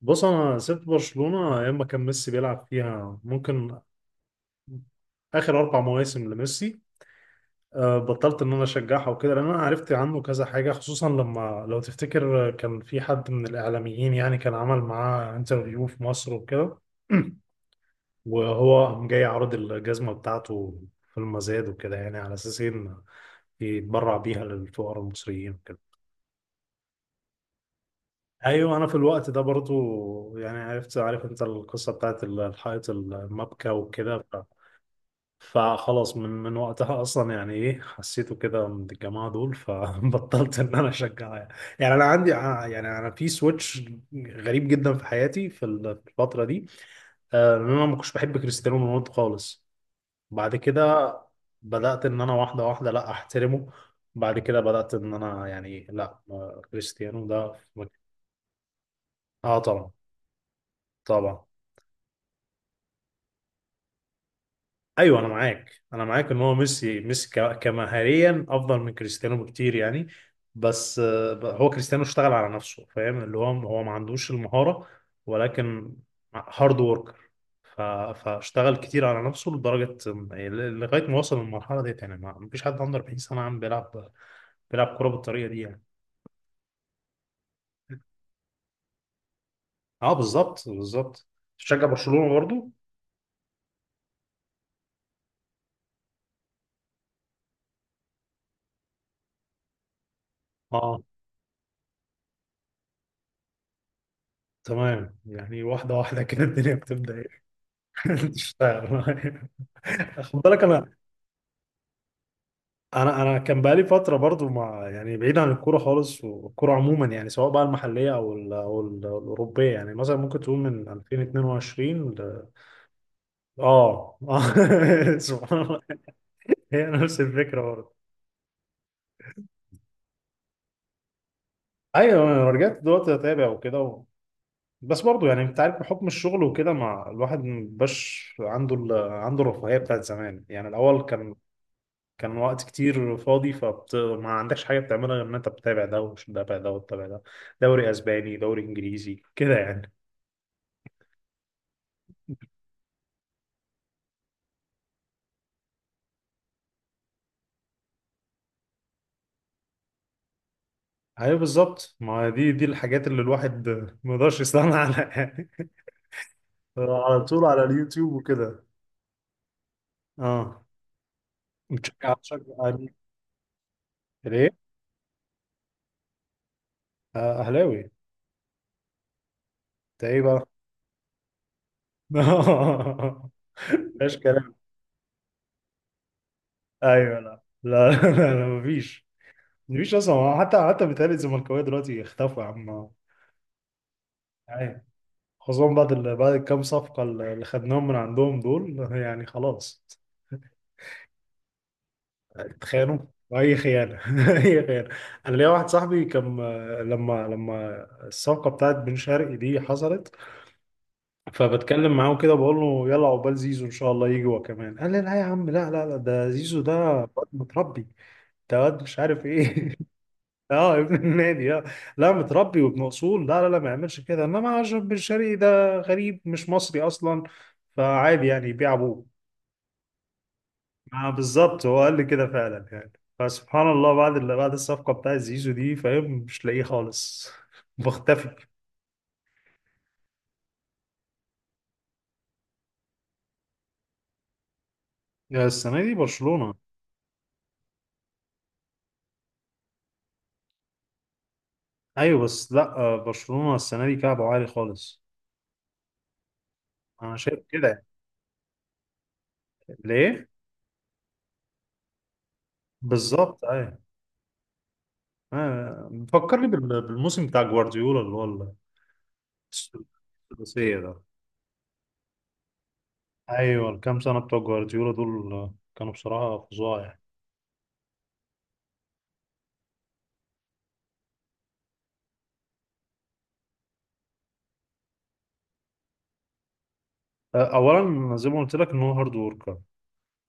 بص انا سبت برشلونه ايام ما كان ميسي بيلعب فيها، ممكن اخر اربع مواسم لميسي. بطلت ان انا اشجعها وكده، لان انا عرفت عنه كذا حاجه، خصوصا لما لو تفتكر، كان في حد من الاعلاميين يعني كان عمل معاه انترفيو في مصر وكده. وهو قام جاي عرض الجزمه بتاعته في المزاد وكده، يعني على اساس ان يتبرع بيها للفقراء المصريين وكده. ايوه، انا في الوقت ده برضو يعني عرفت، عارف انت القصه بتاعت الحائط المبكى وكده. فخلاص، من وقتها اصلا يعني ايه حسيته كده من الجماعه دول، فبطلت ان انا اشجعها يعني. يعني انا عندي، يعني انا في سويتش غريب جدا في حياتي في في الفتره دي. ان انا ما كنتش بحب كريستيانو رونالدو خالص. بعد كده، بدات ان انا واحده واحده لا احترمه. بعد كده بدات ان انا يعني، لا، كريستيانو ده في اه طبعا، طبعا. ايوه انا معاك، انا معاك، ان هو ميسي ميسي كمهاريا افضل من كريستيانو بكتير يعني. بس، هو كريستيانو اشتغل على نفسه، فاهم؟ اللي هو ما عندوش المهارة، ولكن هارد وركر. فاشتغل كتير على نفسه لدرجة، لغاية ما وصل للمرحلة ديت، يعني ما فيش حد عنده 40 سنة عم بيلعب كورة بالطريقة دي يعني. اه بالظبط بالظبط. تشجع برشلونة برضو؟ اه. تمام، يعني واحدة واحدة كده الدنيا بتبدأ إيه؟ تشتغل. خد بالك، انا، انا كان بقالي فتره برضو، مع يعني بعيد عن الكوره خالص، والكوره عموما، يعني سواء بقى المحليه او الاوروبيه، يعني مثلا ممكن تقول من 2022 اه. سبحان الله. هي نفس الفكره برضو. ايوه، انا رجعت دلوقتي اتابع وكده بس برضو يعني انت عارف، بحكم الشغل وكده، مع الواحد مبقاش عنده عنده الرفاهيه بتاعت زمان. يعني الاول، كان وقت كتير فاضي، ما عندكش حاجة بتعملها غير إن أنت بتتابع ده، وتتابع ده، وتتابع ده، دوري أسباني، دوري إنجليزي كده يعني. أيوة بالظبط، ما دي الحاجات اللي الواحد ما يقدرش يستغنى عنها يعني. على طول على اليوتيوب وكده. اه. بتشجع مين؟ ليه؟ أهلاوي. أنت إيه بقى؟ مفيش كلام. أيوة، لا لا لا، لا مفيش. مفيش أصلا، حتى بيتهيألي الزملكاوية دلوقتي اختفوا يا عم. أيوة. خصوصا بعد بعد الكام صفقة اللي خدناهم من عندهم دول يعني، خلاص. اتخانوا، وأي خيانة. أي خيانة. أنا ليا واحد صاحبي كان، لما الصفقة بتاعت بن شرقي دي حصلت، فبتكلم معاه كده بقول له يلا عقبال زيزو إن شاء الله يجي هو كمان. قال لي لا يا عم، لا لا لا، ده زيزو، ده واد متربي، ده واد مش عارف إيه. اه، ابن النادي، اه. لا متربي وابن اصول، لا لا لا ما يعملش كده. انما عشان بن شرقي ده غريب، مش مصري اصلا، فعادي يعني يبيع ابوه. ما بالظبط، هو قال لي كده فعلا يعني. فسبحان الله، بعد اللي، بعد الصفقة بتاع زيزو دي، فاهم، مش لاقيه خالص. بختفي. يا، السنة دي برشلونة. ايوه بس لا، برشلونة السنة دي كعبه عالي خالص. انا شايف كده يعني. ليه؟ بالظبط، ايوه. فكرني بالموسم بتاع جوارديولا، اللي هو الثلاثية ده. ايوه، الكام سنة بتوع جوارديولا دول، كانوا بصراحة فظاع يعني. اولا زي ما قلت لك ان هو هارد وركر.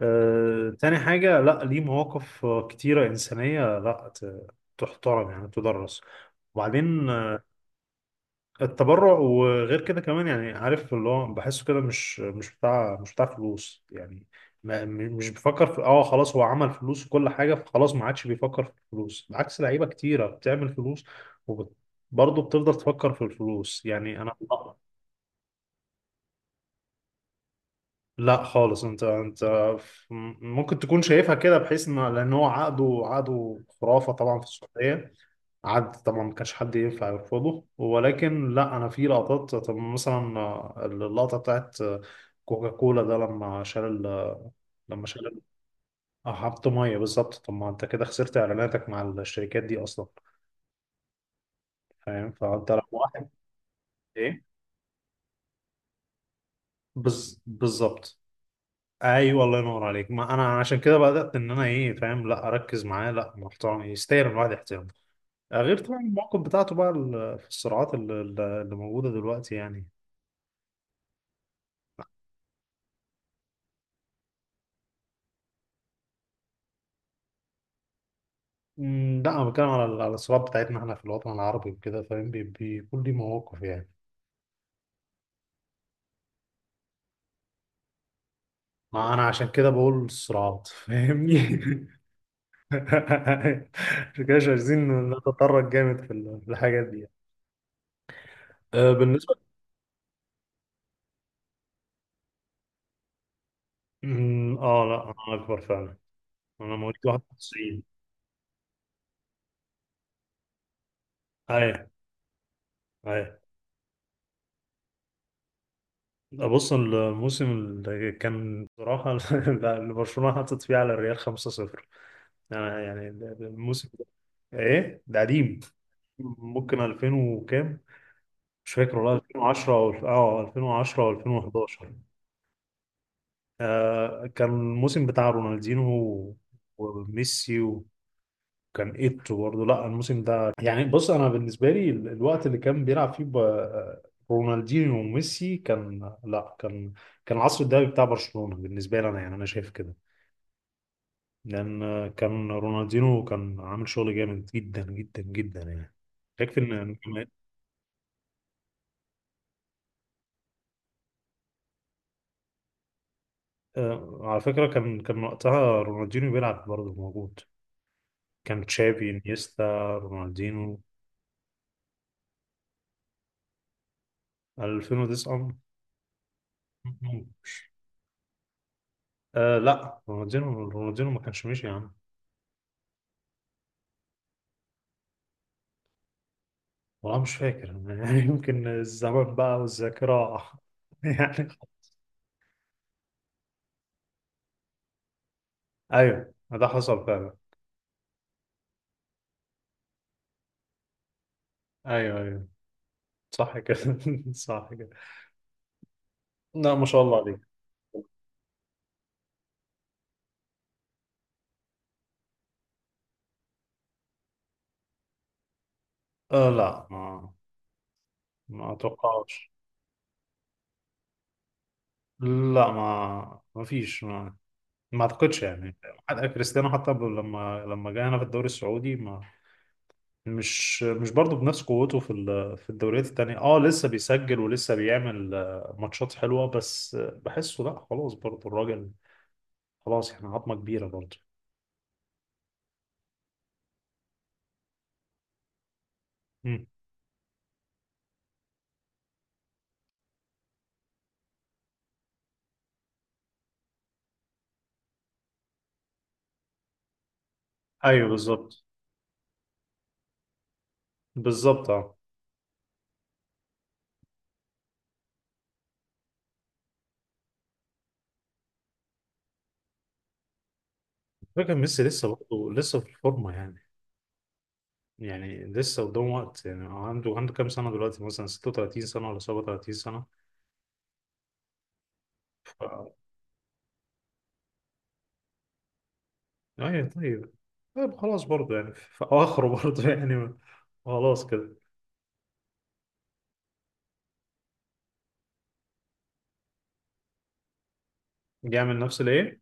تاني حاجة، لا ليه مواقف كتيرة إنسانية لا تحترم، يعني تدرس. وبعدين، التبرع، وغير كده كمان، يعني عارف اللي هو بحسه كده، مش بتاع فلوس يعني. ما م- مش بفكر في، خلاص هو عمل فلوس وكل حاجة، فخلاص ما عادش بيفكر في الفلوس، بعكس لعيبة كتيرة بتعمل فلوس وبرضه بتفضل تفكر في الفلوس يعني. انا لا خالص، انت، ف- ممكن تكون شايفها كده، بحيث ان، لان هو عقده، عقده خرافه طبعا في السعوديه. عقد طبعا ما كانش حد ينفع يرفضه، ولكن لا، انا في لقطات، طب مثلا، اللقطه بتاعت كوكا كولا ده، لما شال، اه، حط ميه بالظبط. طب ما انت كده خسرت اعلاناتك مع الشركات دي اصلا، فاهم؟ فانت لو واحد، ايه، بالظبط. ايوه، الله ينور عليك. ما انا عشان كده بدات ان انا، ايه، فاهم، لا، اركز معاه، لا محترم يستاهل الواحد احترامه. غير طبعا المواقف بتاعته بقى في الصراعات اللي موجوده دلوقتي يعني. لا، انا بتكلم على على الصراعات بتاعتنا احنا في الوطن العربي وكده، فاهم؟ بيكون لي مواقف يعني. ما انا عشان كده بقول الصراعات، فاهمني. عشان كده مش عايزين نتطرق جامد في في الحاجات دي. بالنسبه، اه لا، انا اكبر فعلا. انا مواليد 91. ايوه ايوه. بص، الموسم اللي كان بصراحة اللي برشلونة حطت فيه على الريال 5-0، يعني الموسم ده. ايه ده قديم. ممكن 2000 وكام، مش فاكر والله، 2010، او 2010، او 2011. كان الموسم بتاع رونالدينو وميسي، كان ايتو برضه. لا الموسم ده، يعني بص انا بالنسبه لي الوقت اللي كان بيلعب فيه رونالدينيو وميسي كان، لا، كان العصر الذهبي بتاع برشلونه بالنسبه لي انا، يعني انا شايف كده. لان كان رونالدينيو كان عامل شغل جامد جدا جدا جدا يعني. يكفي ان على فكره كان وقتها رونالدينيو بيلعب برضه موجود. كان تشافي، انيستا، رونالدينيو، 2009. لا، رونالدينيو ما كانش ماشي يا عم. والله مش فاكر يعني يمكن الزمن بقى والذاكرة. يعني. أيوه، ده حصل فعلا. أيوه أيوه صح كده. صح كده. لا ما شاء الله عليك. لا، ما أتوقعش. لا، ما فيش، ما أعتقدش يعني. حتى كريستيانو، لما جه هنا في الدوري السعودي، ما مش مش برضه بنفس قوته في في الدوريات التانية. اه لسه بيسجل ولسه بيعمل ماتشات حلوة، بس، بحسه لا، خلاص برضه الراجل. خلاص، احنا عظمه كبيره برضه. مم. ايوه بالظبط بالظبط. اه فكرة، ميسي لسه برضه لسه في الفورمة يعني. يعني لسه قدام وقت. يعني عنده كام سنة دلوقتي، مثلا 36 سنة ولا 37 سنة؟ ف... ايوه طيب، طيب خلاص برضه يعني في اخره. برضه يعني خلاص كده. يعمل نفس الايه؟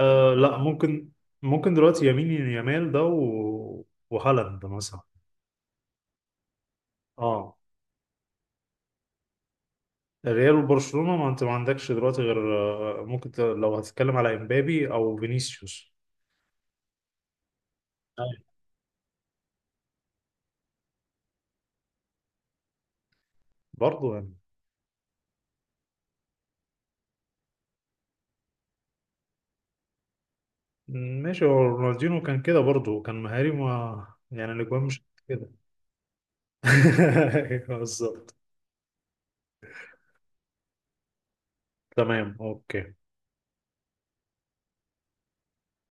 لا، ممكن دلوقتي يمين يمال ده وهالاند مثلا. اه، ريال وبرشلونة. ما انت ما عندكش دلوقتي غير، ممكن لو هتتكلم على امبابي او فينيسيوس. أيوة. برضه يعني ماشي، هو رونالدينو كان كده برضه، كان مهاري، ما يعني الاجوان مش كده. أيوة بالظبط. تمام اوكي.